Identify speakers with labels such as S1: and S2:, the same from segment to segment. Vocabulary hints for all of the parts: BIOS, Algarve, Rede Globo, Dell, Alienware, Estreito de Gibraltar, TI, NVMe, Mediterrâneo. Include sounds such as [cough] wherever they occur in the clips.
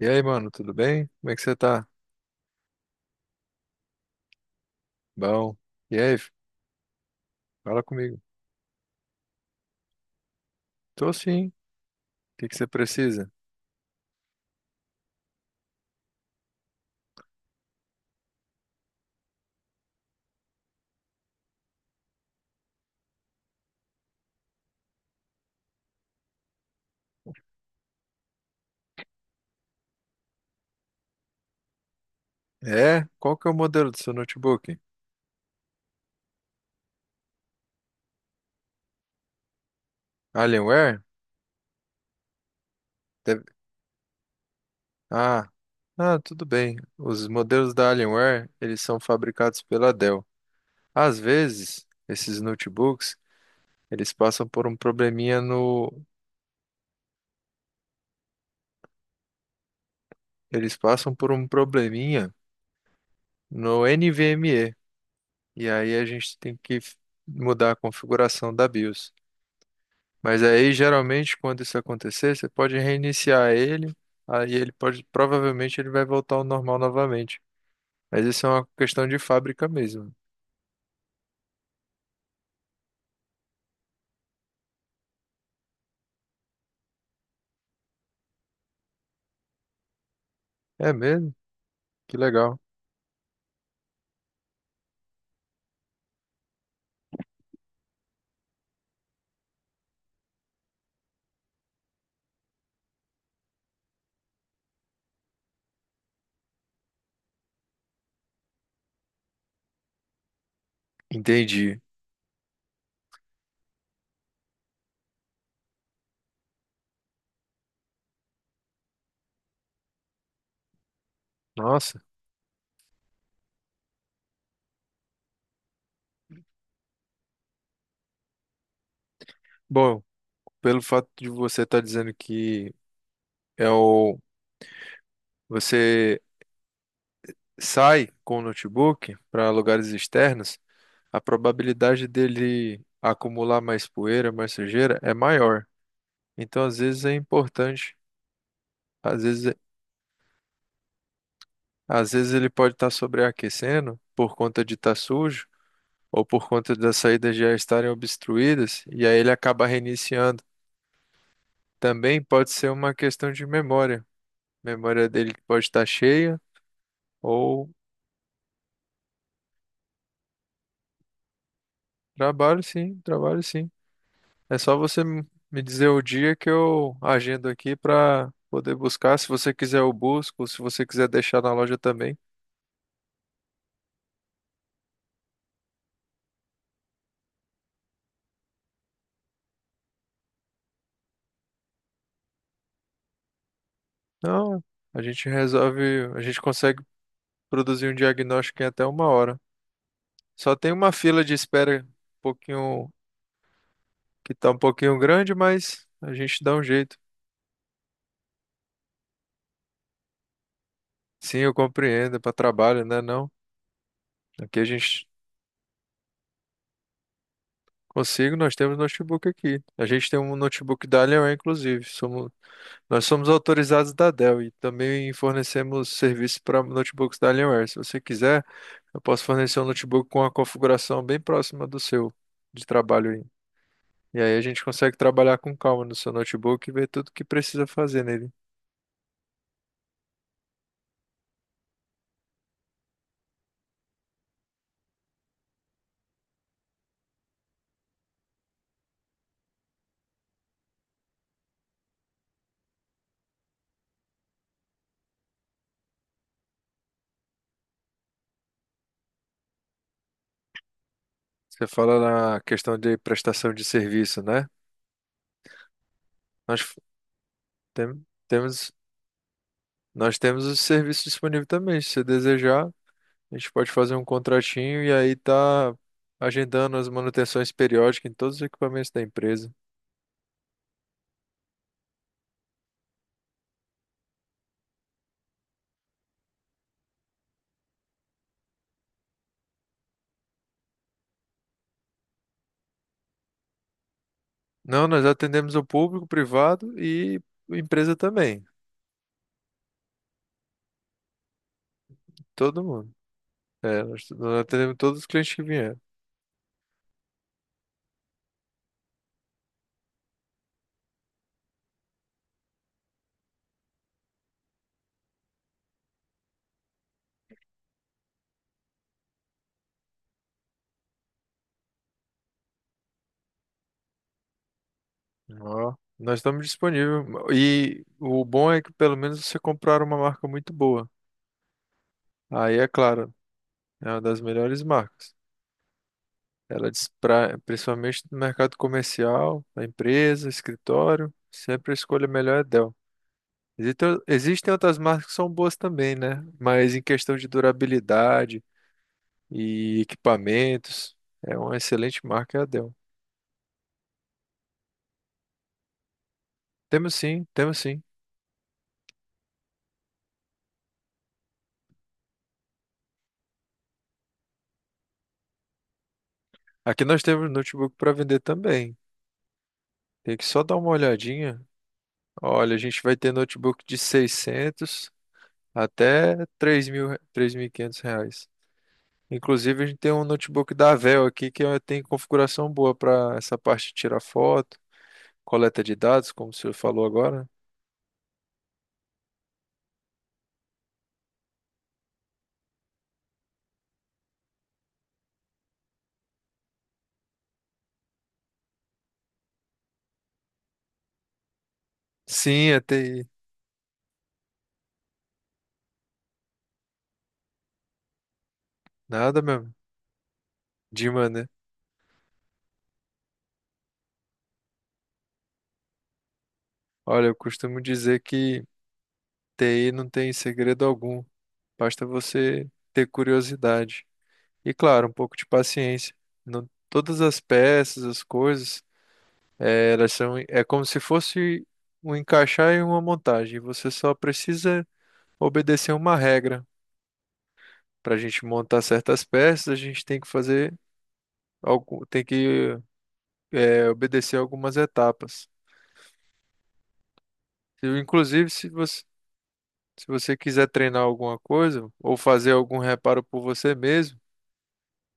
S1: E aí, mano, tudo bem? Como é que você tá? Bom. E aí, f- Fala comigo. Tô sim. O que que você precisa? É? Qual que é o modelo do seu notebook? Alienware? Deve- Ah, tudo bem. Os modelos da Alienware, eles são fabricados pela Dell. Às vezes, esses notebooks, eles passam por um probleminha no. Eles passam por um probleminha no NVMe. E aí a gente tem que mudar a configuração da BIOS. Mas aí, geralmente, quando isso acontecer, você pode reiniciar ele. Aí ele pode. Provavelmente ele vai voltar ao normal novamente. Mas isso é uma questão de fábrica mesmo. É mesmo? Que legal. Entendi. Nossa. Bom, pelo fato de você estar dizendo que é o. você sai com o notebook para lugares externos, a probabilidade dele acumular mais poeira, mais sujeira é maior. Então, às vezes é importante, às vezes, às vezes ele pode estar sobreaquecendo por conta de estar sujo ou por conta das saídas já estarem obstruídas e aí ele acaba reiniciando. Também pode ser uma questão de memória. Memória dele pode estar cheia ou trabalho, sim, trabalho, sim. É só você me dizer o dia que eu agendo aqui pra poder buscar. Se você quiser, eu busco. Se você quiser deixar na loja também. Não, a gente resolve, a gente consegue produzir um diagnóstico em até uma hora. Só tem uma fila de espera um pouquinho, que tá um pouquinho grande, mas a gente dá um jeito. Sim, eu compreendo, é para trabalho, né? Não. Aqui a gente consigo, nós temos notebook aqui. A gente tem um notebook da Alienware, inclusive. Somos Nós somos autorizados da Dell e também fornecemos serviço para notebooks da Alienware. Se você quiser, eu posso fornecer um notebook com uma configuração bem próxima do seu de trabalho aí. E aí a gente consegue trabalhar com calma no seu notebook e ver tudo que precisa fazer nele. Você fala na questão de prestação de serviço, né? Nós f- Temos, nós temos o serviço disponível também. Se você desejar, a gente pode fazer um contratinho e aí tá agendando as manutenções periódicas em todos os equipamentos da empresa. Não, nós atendemos o público, o privado e empresa também. Todo mundo. É, nós atendemos todos os clientes que vieram. Ó, nós estamos disponíveis. E o bom é que pelo menos você comprar uma marca muito boa. Aí é claro, é uma das melhores marcas. Ela despra, principalmente no mercado comercial, da empresa, escritório, sempre a escolha melhor é Dell. Existem outras marcas que são boas também, né? Mas em questão de durabilidade e equipamentos, é uma excelente marca, é a Dell. Temos sim, temos sim. Aqui nós temos notebook para vender também. Tem que só dar uma olhadinha. Olha, a gente vai ter notebook de 600 até três mil, três mil e quinhentos reais. Inclusive, a gente tem um notebook da Dell aqui que tem configuração boa para essa parte de tirar foto, coleta de dados, como o senhor falou agora. Sim, é TI. Nada mesmo. Dima, né? Olha, eu costumo dizer que TI não tem segredo algum. Basta você ter curiosidade. E claro, um pouco de paciência. Não, todas as peças, as coisas, elas são, é como se fosse um encaixar e uma montagem. Você só precisa obedecer uma regra. Para a gente montar certas peças, a gente tem que fazer algo, tem que obedecer algumas etapas. Inclusive, se você quiser treinar alguma coisa ou fazer algum reparo por você mesmo,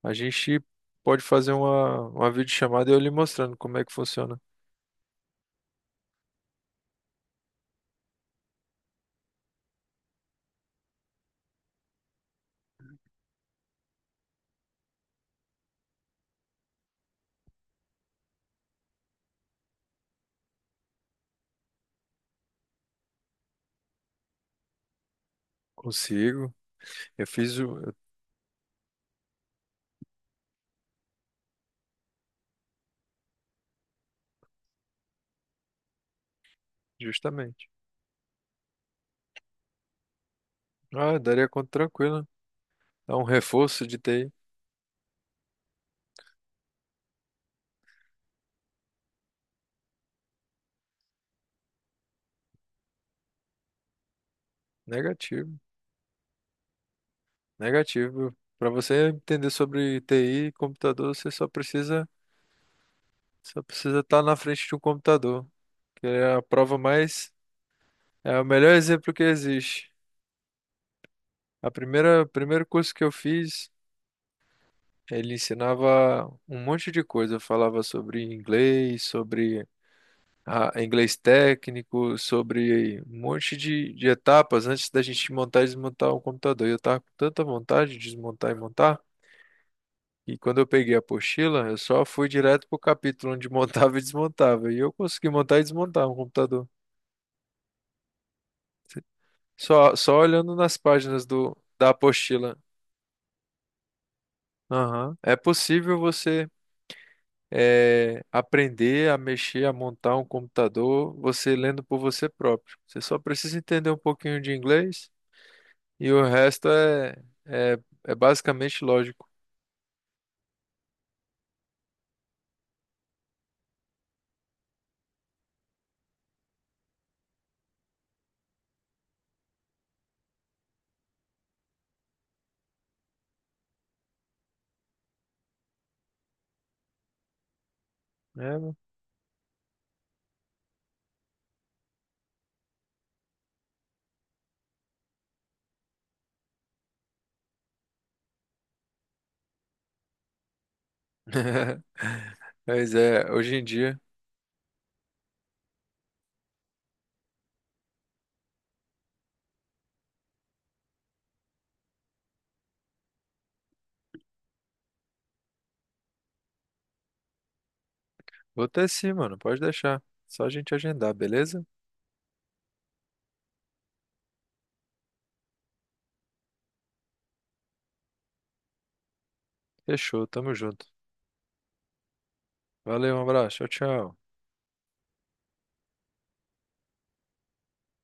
S1: a gente pode fazer uma videochamada e eu lhe mostrando como é que funciona. Consigo. Eu fiz o, eu- justamente. Ah, daria conta tranquila. Dá um reforço de TI. Negativo. Negativo. Para você entender sobre TI e computador, você só precisa estar na frente de um computador, que é a prova mais é o melhor exemplo que existe. A primeira primeiro curso que eu fiz, ele ensinava um monte de coisa, falava sobre inglês, sobre inglês técnico, sobre um monte de etapas antes da gente montar e desmontar um computador. E eu tava com tanta vontade de desmontar e montar, e quando eu peguei a apostila, eu só fui direto pro capítulo onde montava e desmontava. E eu consegui montar e desmontar um computador. Só, olhando nas páginas da apostila. Aham. É possível você aprender a mexer, a montar um computador, você lendo por você próprio. Você só precisa entender um pouquinho de inglês. E o resto é, é, é basicamente lógico. É, mano. [laughs] Mas é, hoje em dia. Vou ter sim, mano. Pode deixar. Só a gente agendar, beleza? Fechou, tamo junto. Valeu, um abraço. Tchau, tchau.